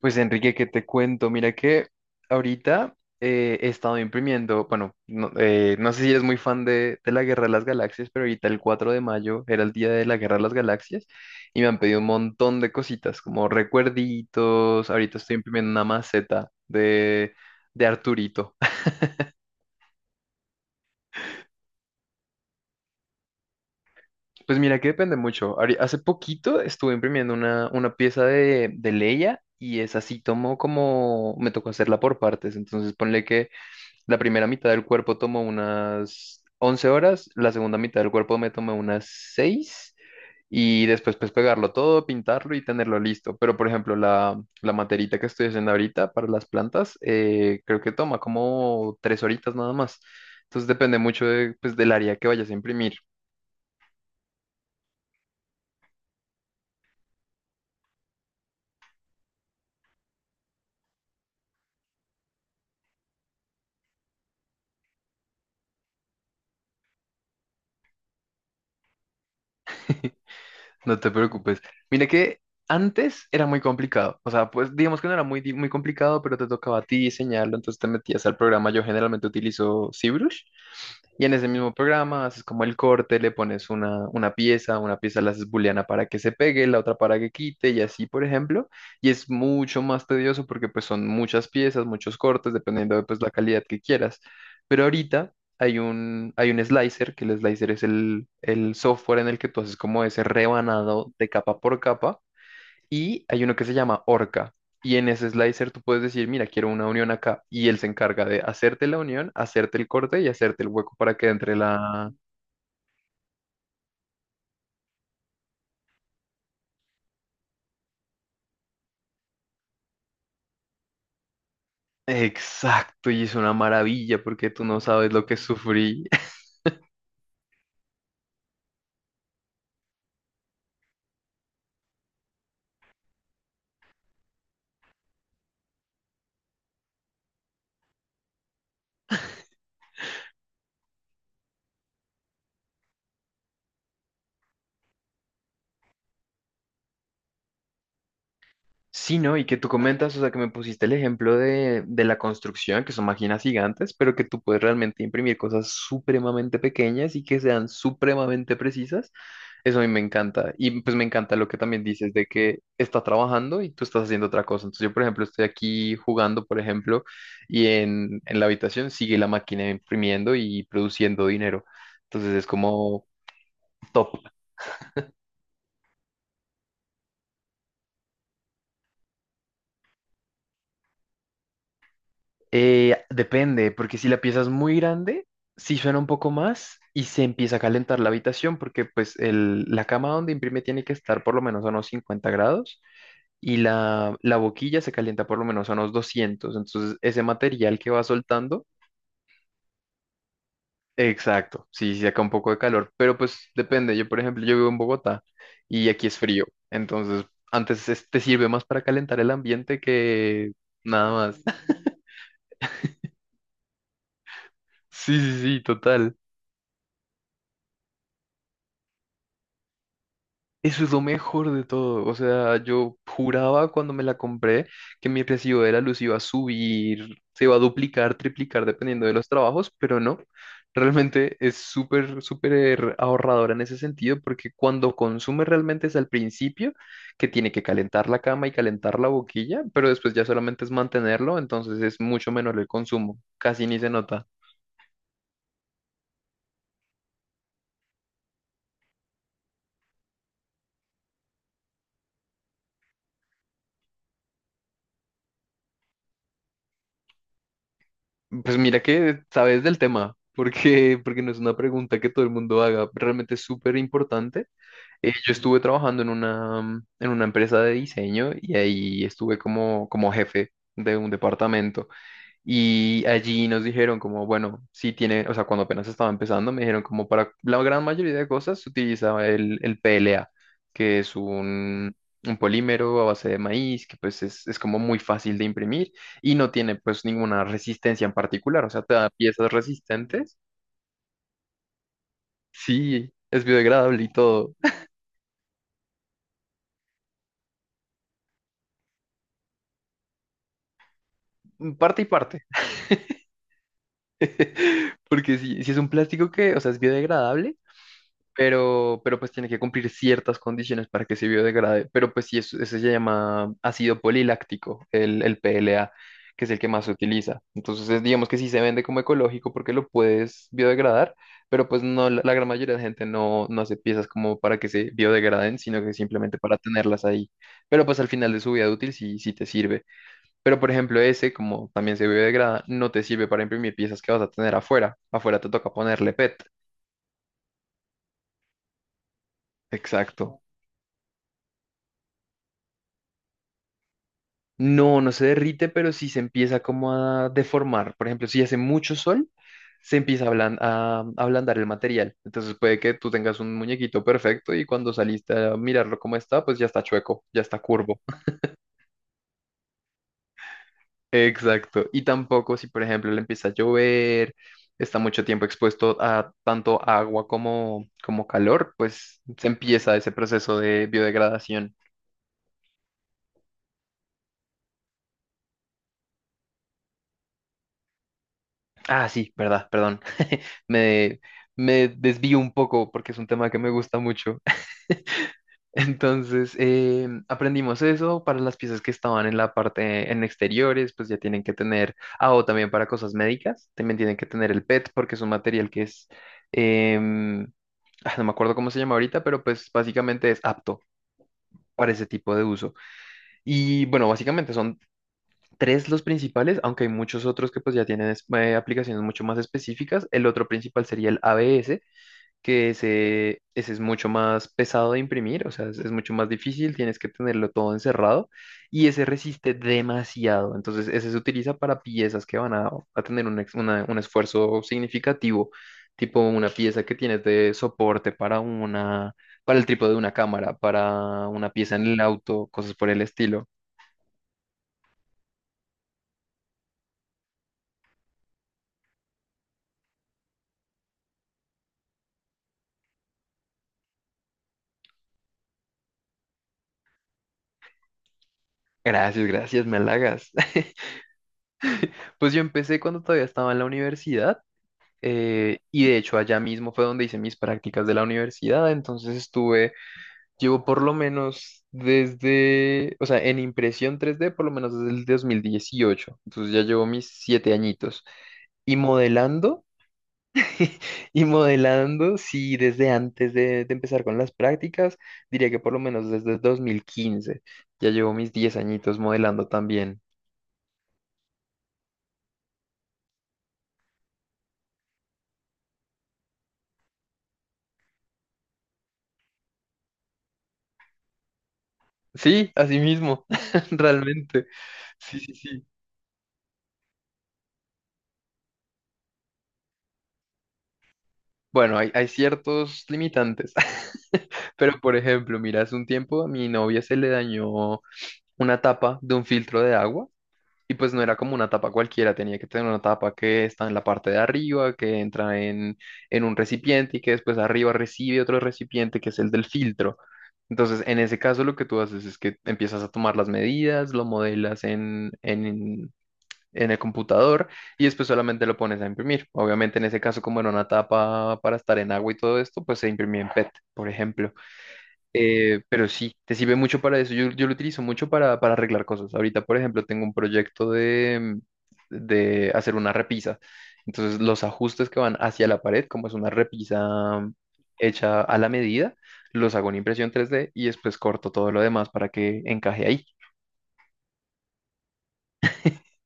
Pues Enrique, ¿qué te cuento? Mira que ahorita he estado imprimiendo, bueno, no, no sé si eres muy fan de la Guerra de las Galaxias, pero ahorita el 4 de mayo era el día de la Guerra de las Galaxias y me han pedido un montón de cositas, como recuerditos, ahorita estoy imprimiendo una maceta de Arturito. Pues mira que depende mucho. Hace poquito estuve imprimiendo una pieza de Leia, y esa sí tomó como, me tocó hacerla por partes, entonces ponle que... La primera mitad del cuerpo tomó unas 11 horas, la segunda mitad del cuerpo me tomó unas 6 y después pues pegarlo todo, pintarlo y tenerlo listo. Pero por ejemplo, la materita que estoy haciendo ahorita para las plantas, creo que toma como 3 horitas nada más. Entonces depende mucho de, pues, del área que vayas a imprimir. No te preocupes. Mira que antes era muy complicado. O sea, pues digamos que no era muy, muy complicado, pero te tocaba a ti diseñarlo, entonces te metías al programa. Yo generalmente utilizo ZBrush, y en ese mismo programa haces como el corte, le pones una pieza la haces booleana para que se pegue, la otra para que quite y así, por ejemplo. Y es mucho más tedioso porque pues son muchas piezas, muchos cortes, dependiendo de pues la calidad que quieras. Pero ahorita hay un slicer, que el slicer es el software en el que tú haces como ese rebanado de capa por capa, y hay uno que se llama Orca. Y en ese slicer tú puedes decir, mira, quiero una unión acá. Y él se encarga de hacerte la unión, hacerte el corte y hacerte el hueco para que entre la. Exacto, y es una maravilla porque tú no sabes lo que sufrí. Sí, ¿no? Y que tú comentas, o sea, que me pusiste el ejemplo de la construcción, que son máquinas gigantes, pero que tú puedes realmente imprimir cosas supremamente pequeñas y que sean supremamente precisas. Eso a mí me encanta. Y pues me encanta lo que también dices de que está trabajando y tú estás haciendo otra cosa. Entonces yo, por ejemplo, estoy aquí jugando, por ejemplo, y en la habitación sigue la máquina imprimiendo y produciendo dinero. Entonces es como top. Depende, porque si la pieza es muy grande, sí suena un poco más y se empieza a calentar la habitación, porque pues la cama donde imprime tiene que estar por lo menos a unos 50 grados y la boquilla se calienta por lo menos a unos 200. Entonces, ese material que va soltando, exacto, sí, sí saca un poco de calor, pero pues depende. Yo, por ejemplo, yo vivo en Bogotá y aquí es frío, entonces antes te sirve más para calentar el ambiente que nada más. Sí, sí, sí, total. Eso es lo mejor de todo. O sea, yo juraba cuando me la compré que mi recibo de la luz iba a subir, se iba a duplicar, triplicar dependiendo de los trabajos, pero no. Realmente es súper, súper ahorradora en ese sentido porque cuando consume realmente es al principio, que tiene que calentar la cama y calentar la boquilla, pero después ya solamente es mantenerlo, entonces es mucho menor el consumo, casi ni se nota. Pues mira que sabes del tema, porque no es una pregunta que todo el mundo haga, realmente es súper importante. Yo estuve trabajando en una empresa de diseño, y ahí estuve como jefe de un departamento. Y allí nos dijeron como, bueno, si tiene, o sea, cuando apenas estaba empezando, me dijeron como para la gran mayoría de cosas se utilizaba el PLA, que es un polímero a base de maíz, que pues es como muy fácil de imprimir y no tiene pues ninguna resistencia en particular, o sea, te da piezas resistentes. Sí, es biodegradable y todo, parte y parte, porque si es un plástico que, o sea, es biodegradable, pero pues tiene que cumplir ciertas condiciones para que se biodegrade. Pero pues sí, eso se llama ácido poliláctico, el PLA, que es el que más se utiliza. Entonces, digamos que sí se vende como ecológico porque lo puedes biodegradar, pero pues no, la gran mayoría de gente no hace piezas como para que se biodegraden, sino que simplemente para tenerlas ahí. Pero pues al final de su vida útil sí, sí te sirve. Pero por ejemplo, ese, como también se biodegrada, no te sirve para imprimir piezas que vas a tener afuera. Afuera te toca ponerle PET. Exacto. No, no se derrite, pero sí se empieza como a deformar. Por ejemplo, si hace mucho sol, se empieza a ablandar el material. Entonces puede que tú tengas un muñequito perfecto y cuando saliste a mirarlo como está, pues ya está chueco, ya está curvo. Exacto. Y tampoco si, por ejemplo, le empieza a llover, está mucho tiempo expuesto a tanto agua como, como calor, pues se empieza ese proceso de biodegradación. Ah, sí, verdad, perdón. Me, me desvío un poco porque es un tema que me gusta mucho. Entonces, aprendimos eso para las piezas que estaban en la parte en exteriores, pues ya tienen que tener, ah, o también para cosas médicas, también tienen que tener el PET porque es un material que es, em, ah, no me acuerdo cómo se llama ahorita, pero pues básicamente es apto para ese tipo de uso. Y bueno, básicamente son tres los principales, aunque hay muchos otros que pues ya tienen aplicaciones mucho más específicas. El otro principal sería el ABS, que ese es mucho más pesado de imprimir, o sea, es mucho más difícil, tienes que tenerlo todo encerrado y ese resiste demasiado. Entonces, ese se utiliza para piezas que van a tener un esfuerzo significativo, tipo una pieza que tienes de soporte para una, para el trípode de una cámara, para una pieza en el auto, cosas por el estilo. Gracias, gracias, me halagas. Pues yo empecé cuando todavía estaba en la universidad, y de hecho allá mismo fue donde hice mis prácticas de la universidad, entonces estuve, llevo por lo menos desde, o sea, en impresión 3D por lo menos desde el 2018, entonces ya llevo mis 7 añitos. Y modelando, y modelando, sí, desde antes de empezar con las prácticas, diría que por lo menos desde 2015 ya llevo mis 10 añitos modelando también. Sí, así mismo, realmente. Sí, sí, sí. Bueno, hay ciertos limitantes, pero por ejemplo, mira, hace un tiempo a mi novia se le dañó una tapa de un filtro de agua, y pues no era como una tapa cualquiera, tenía que tener una tapa que está en la parte de arriba, que entra en un recipiente y que después arriba recibe otro recipiente, que es el del filtro. Entonces, en ese caso lo que tú haces es que empiezas a tomar las medidas, lo modelas en el computador y después solamente lo pones a imprimir. Obviamente en ese caso, como era una tapa para estar en agua y todo esto, pues se imprimía en PET, por ejemplo. Pero sí, te sirve mucho para eso. Yo lo utilizo mucho para arreglar cosas. Ahorita, por ejemplo, tengo un proyecto de hacer una repisa. Entonces, los ajustes que van hacia la pared, como es una repisa hecha a la medida, los hago en impresión 3D y después corto todo lo demás para que encaje ahí.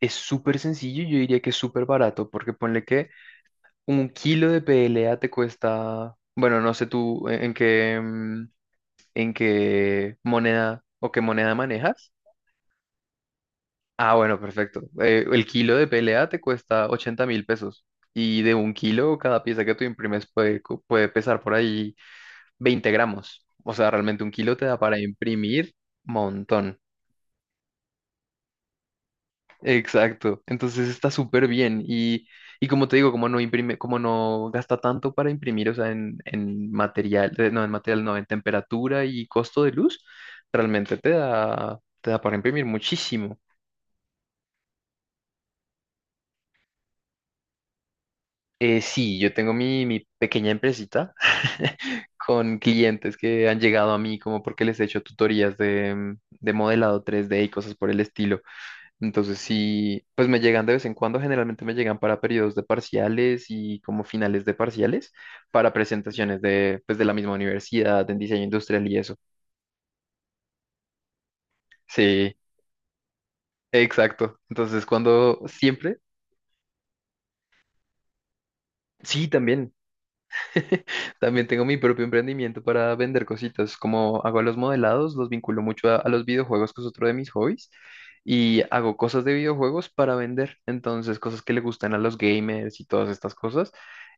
Es súper sencillo y yo diría que es súper barato, porque ponle que un kilo de PLA te cuesta, bueno, no sé tú en qué moneda o qué moneda manejas. Ah, bueno, perfecto. El kilo de PLA te cuesta 80.000 pesos, y de un kilo cada pieza que tú imprimes puede pesar por ahí 20 gramos. O sea, realmente un kilo te da para imprimir montón. Exacto. Entonces está súper bien. Y como te digo, como no imprime, como no gasta tanto para imprimir, o sea, en material, no, en material, no, en temperatura y costo de luz, realmente te da para imprimir muchísimo. Sí, yo tengo mi pequeña empresita con clientes que han llegado a mí como porque les he hecho tutorías de modelado 3D y cosas por el estilo. Entonces sí, pues me llegan de vez en cuando, generalmente me llegan para periodos de parciales y como finales de parciales, para presentaciones de, pues, de la misma universidad, en diseño industrial y eso. Sí, exacto. Entonces cuando siempre, sí, también. También tengo mi propio emprendimiento para vender cositas, como hago los modelados, los vinculo mucho a los videojuegos, que es otro de mis hobbies, y hago cosas de videojuegos para vender, entonces cosas que le gustan a los gamers y todas estas cosas,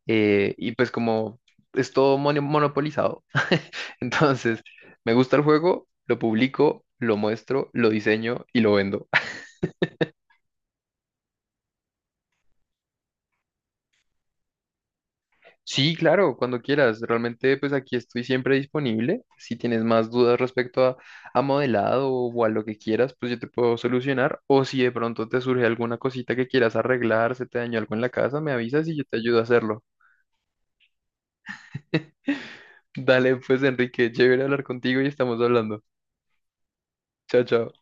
y pues como es todo monopolizado, entonces me gusta el juego, lo publico, lo muestro, lo diseño y lo vendo. Sí, claro, cuando quieras. Realmente, pues aquí estoy siempre disponible. Si tienes más dudas respecto a modelado o a lo que quieras, pues yo te puedo solucionar. O si de pronto te surge alguna cosita que quieras arreglar, se te dañó algo en la casa, me avisas y yo te ayudo a hacerlo. Dale, pues Enrique, chévere hablar contigo y estamos hablando. Chao, chao.